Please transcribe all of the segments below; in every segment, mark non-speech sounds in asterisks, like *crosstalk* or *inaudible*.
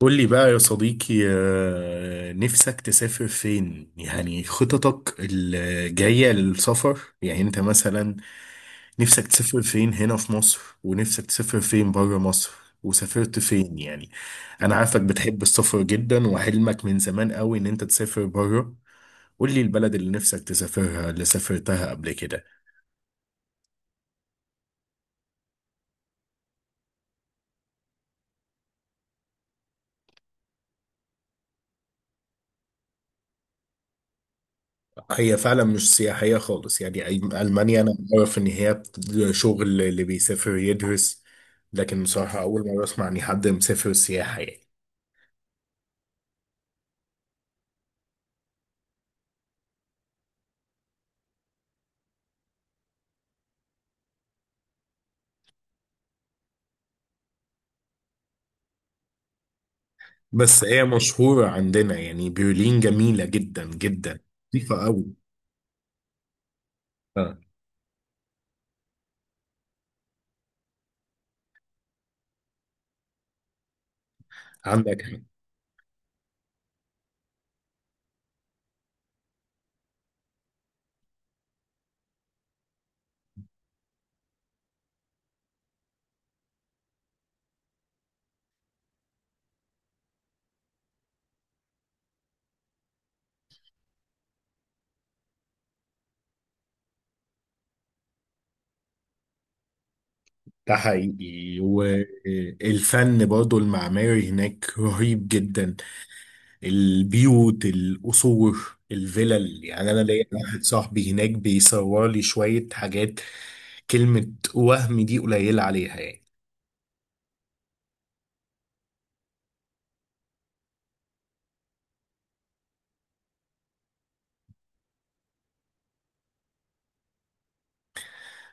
قول لي بقى يا صديقي، نفسك تسافر فين؟ يعني خططك الجاية للسفر، يعني انت مثلا نفسك تسافر فين هنا في مصر، ونفسك تسافر فين بره مصر، وسافرت فين يعني. انا عارفك بتحب السفر جدا، وحلمك من زمان قوي ان انت تسافر بره. قول لي البلد اللي نفسك تسافرها، اللي سافرتها قبل كده. هي فعلا مش سياحية خالص، يعني ألمانيا أنا أعرف إن هي شغل اللي بيسافر يدرس. لكن بصراحة أول مرة أسمع إن حد مسافر سياحة يعني. بس هي مشهورة عندنا، يعني برلين جميلة جدا جدا، نظيفة أوي. آه. عندك حق. ده حقيقي، والفن برضو المعماري هناك رهيب جدا، البيوت، القصور، الفلل، يعني أنا ليا واحد صاحبي هناك بيصور لي شوية حاجات، كلمة وهم دي قليلة عليها يعني.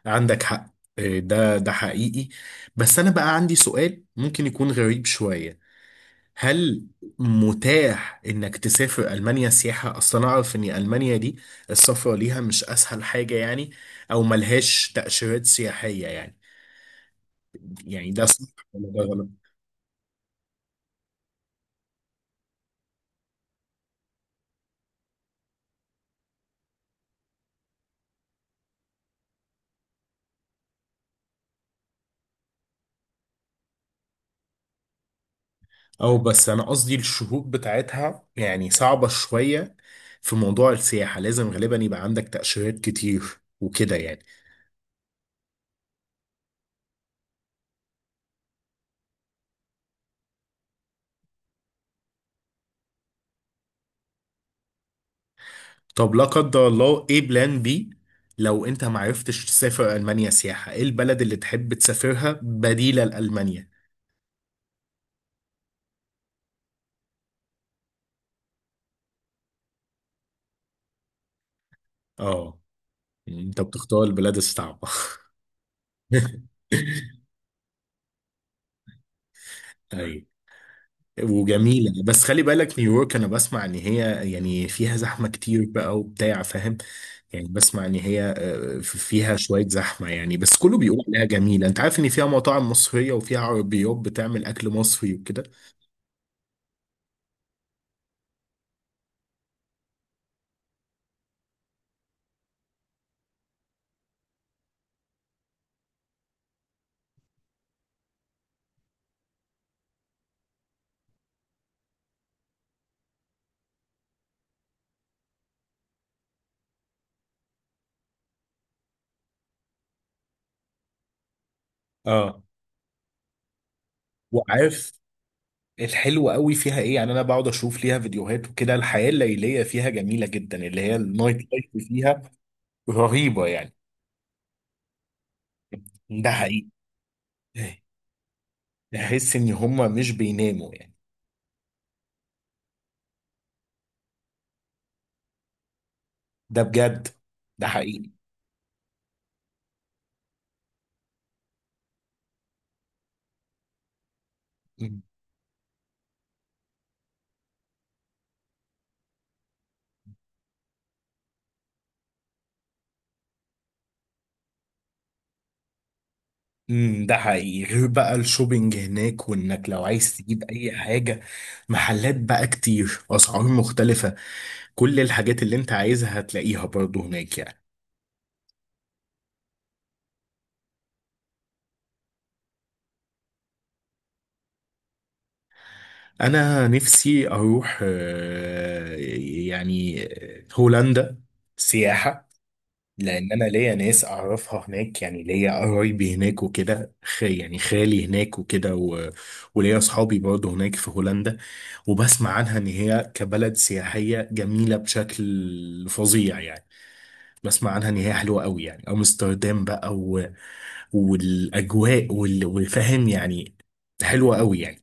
عندك حق، ده حقيقي. بس أنا بقى عندي سؤال ممكن يكون غريب شوية. هل متاح إنك تسافر ألمانيا سياحة؟ أصل أنا أعرف إن ألمانيا دي السفر ليها مش أسهل حاجة يعني، أو ملهاش تأشيرات سياحية يعني. يعني ده صح ولا ده غلط؟ أو بس أنا قصدي الشروط بتاعتها يعني صعبة شوية. في موضوع السياحة لازم غالبا يبقى عندك تأشيرات كتير وكده يعني. طب لا قدر الله، ايه بلان بي؟ لو انت ما عرفتش تسافر المانيا سياحه، ايه البلد اللي تحب تسافرها بديله لالمانيا؟ اه، يعني انت بتختار البلاد الصعبه. *laughs* ايوه وجميله، بس خلي بالك، نيويورك انا بسمع ان هي يعني فيها زحمه كتير بقى وبتاع، فاهم؟ يعني بسمع ان هي فيها شويه زحمه يعني، بس كله بيقول عليها جميله. انت عارف ان فيها مطاعم مصريه، وفيها عربيات بتعمل اكل مصري وكده. اه، وعارف الحلو قوي فيها ايه؟ يعني انا بقعد اشوف ليها فيديوهات وكده، الحياه الليليه فيها جميله جدا، اللي هي النايت لايف فيها رهيبه يعني. ده حقيقي، تحس ان هم مش بيناموا يعني. ده بجد، ده حقيقي. امم. ده حقيقي، غير بقى الشوبينج هناك، وانك لو عايز تجيب اي حاجه، محلات بقى كتير، اسعار مختلفه، كل الحاجات اللي انت عايزها هتلاقيها برضو هناك يعني. انا نفسي اروح يعني هولندا سياحة. لان انا ليا ناس اعرفها هناك، يعني ليا قرايبي هناك وكده، يعني خالي هناك وكده وليا اصحابي برضه هناك في هولندا. وبسمع عنها ان هي كبلد سياحية جميلة بشكل فظيع يعني. بسمع عنها ان هي حلوة قوي يعني، امستردام بقى والاجواء وفاهم يعني، حلوة قوي يعني.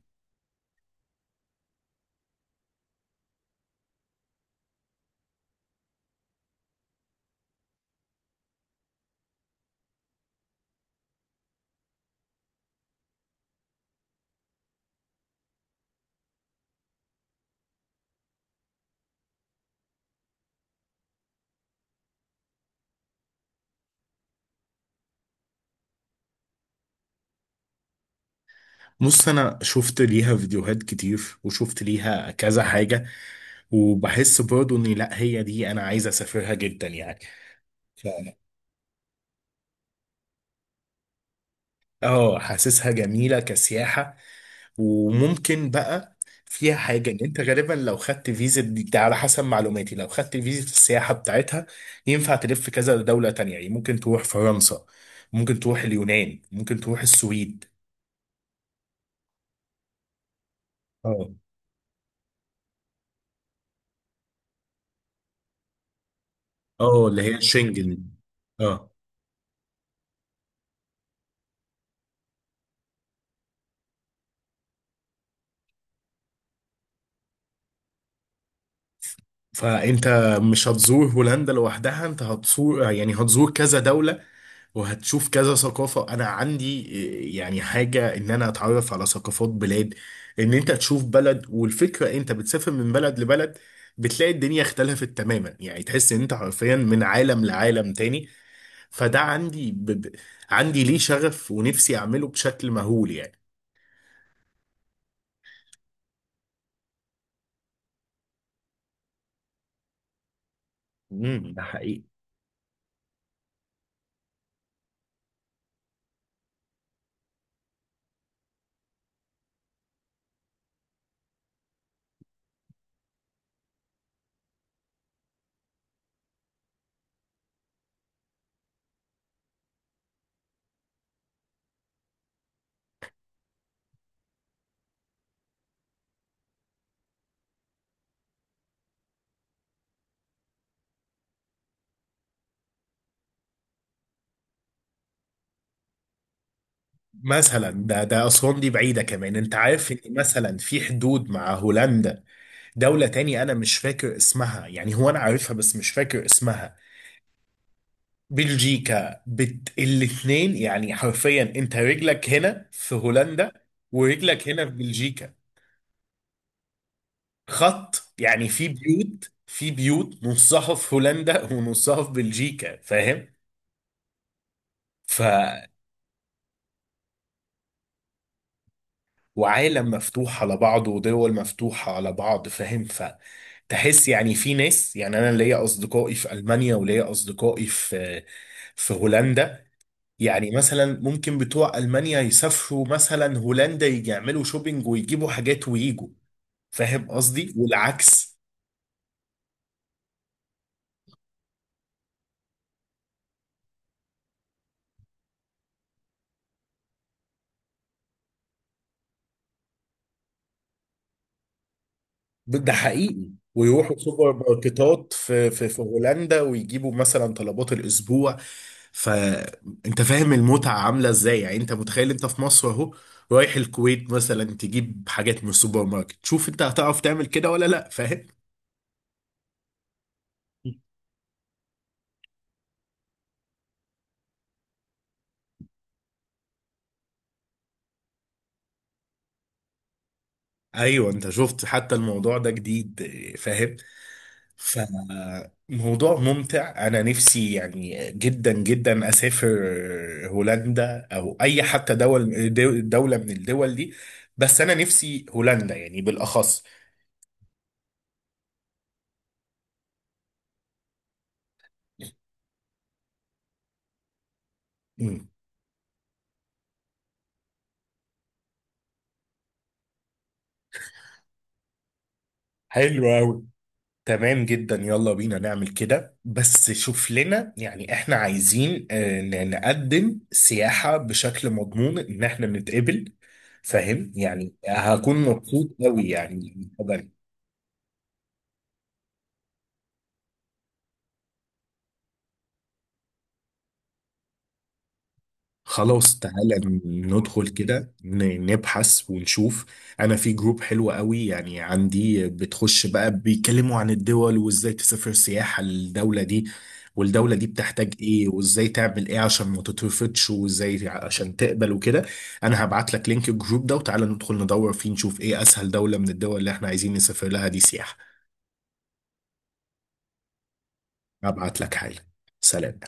بص، انا شفت ليها فيديوهات كتير، وشفت ليها كذا حاجة، وبحس برضو ان لا، هي دي انا عايز اسافرها جدا يعني. فعلا، اه، حاسسها جميلة كسياحة. وممكن بقى فيها حاجة، ان انت غالبا لو خدت فيزا دي، ده على حسب معلوماتي، لو خدت فيزا السياحة بتاعتها ينفع تلف كذا دولة تانية يعني. ممكن تروح فرنسا، ممكن تروح اليونان، ممكن تروح السويد. اه. اه، اللي هي شنجن. اه. فانت مش هتزور هولندا لوحدها، انت هتزور، يعني هتزور كذا دولة، وهتشوف كذا ثقافة. انا عندي يعني حاجة ان انا اتعرف على ثقافات بلاد، ان انت تشوف بلد، والفكرة انت بتسافر من بلد لبلد، بتلاقي الدنيا اختلفت تماما يعني، تحس ان انت حرفيا من عالم لعالم تاني. فده عندي عندي ليه شغف، ونفسي اعمله بشكل مهول يعني. امم، ده حقيقي. مثلا ده أسوان دي بعيدة كمان. أنت عارف إن مثلا في حدود مع هولندا دولة تاني أنا مش فاكر اسمها، يعني هو أنا عارفها بس مش فاكر اسمها. بلجيكا. الاتنين يعني حرفيا، أنت رجلك هنا في هولندا ورجلك هنا في بلجيكا. خط، يعني في بيوت نصها في هولندا ونصها في بلجيكا، فاهم؟ وعالم مفتوح على بعض، ودول مفتوحة على بعض، فاهم؟ فتحس، يعني في ناس، يعني أنا ليا أصدقائي في ألمانيا، وليا أصدقائي في هولندا. يعني مثلا ممكن بتوع ألمانيا يسافروا مثلا هولندا، يجي يعملوا شوبينج ويجيبوا حاجات ويجوا، فاهم قصدي؟ والعكس. ده حقيقي. ويروحوا سوبر ماركتات في هولندا، ويجيبوا مثلا طلبات الاسبوع. فانت فاهم المتعه عامله ازاي؟ يعني انت متخيل انت في مصر اهو، رايح الكويت مثلا تجيب حاجات من السوبر ماركت؟ شوف انت هتعرف تعمل كده ولا لا، فاهم؟ ايوه، انت شفت حتى الموضوع ده جديد، فاهم؟ ف موضوع ممتع. انا نفسي يعني جدا جدا اسافر هولندا، او اي حتى دولة من الدول دي، بس انا نفسي هولندا يعني بالاخص. مم. حلو قوي. تمام جدا، يلا بينا نعمل كده. بس شوف لنا، يعني احنا عايزين نقدم سياحة بشكل مضمون ان احنا نتقبل، فاهم؟ يعني هكون مبسوط قوي يعني. خلاص، تعالى ندخل كده نبحث ونشوف. انا في جروب حلو قوي يعني عندي، بتخش بقى بيتكلموا عن الدول وازاي تسافر سياحة للدولة دي، والدولة دي بتحتاج ايه، وازاي تعمل ايه عشان ما تترفضش، وازاي عشان تقبل وكده. انا هبعت لك لينك الجروب ده، وتعالى ندخل ندور فيه نشوف ايه اسهل دولة من الدول اللي احنا عايزين نسافر لها دي سياحة. هبعت لك حالا. سلام.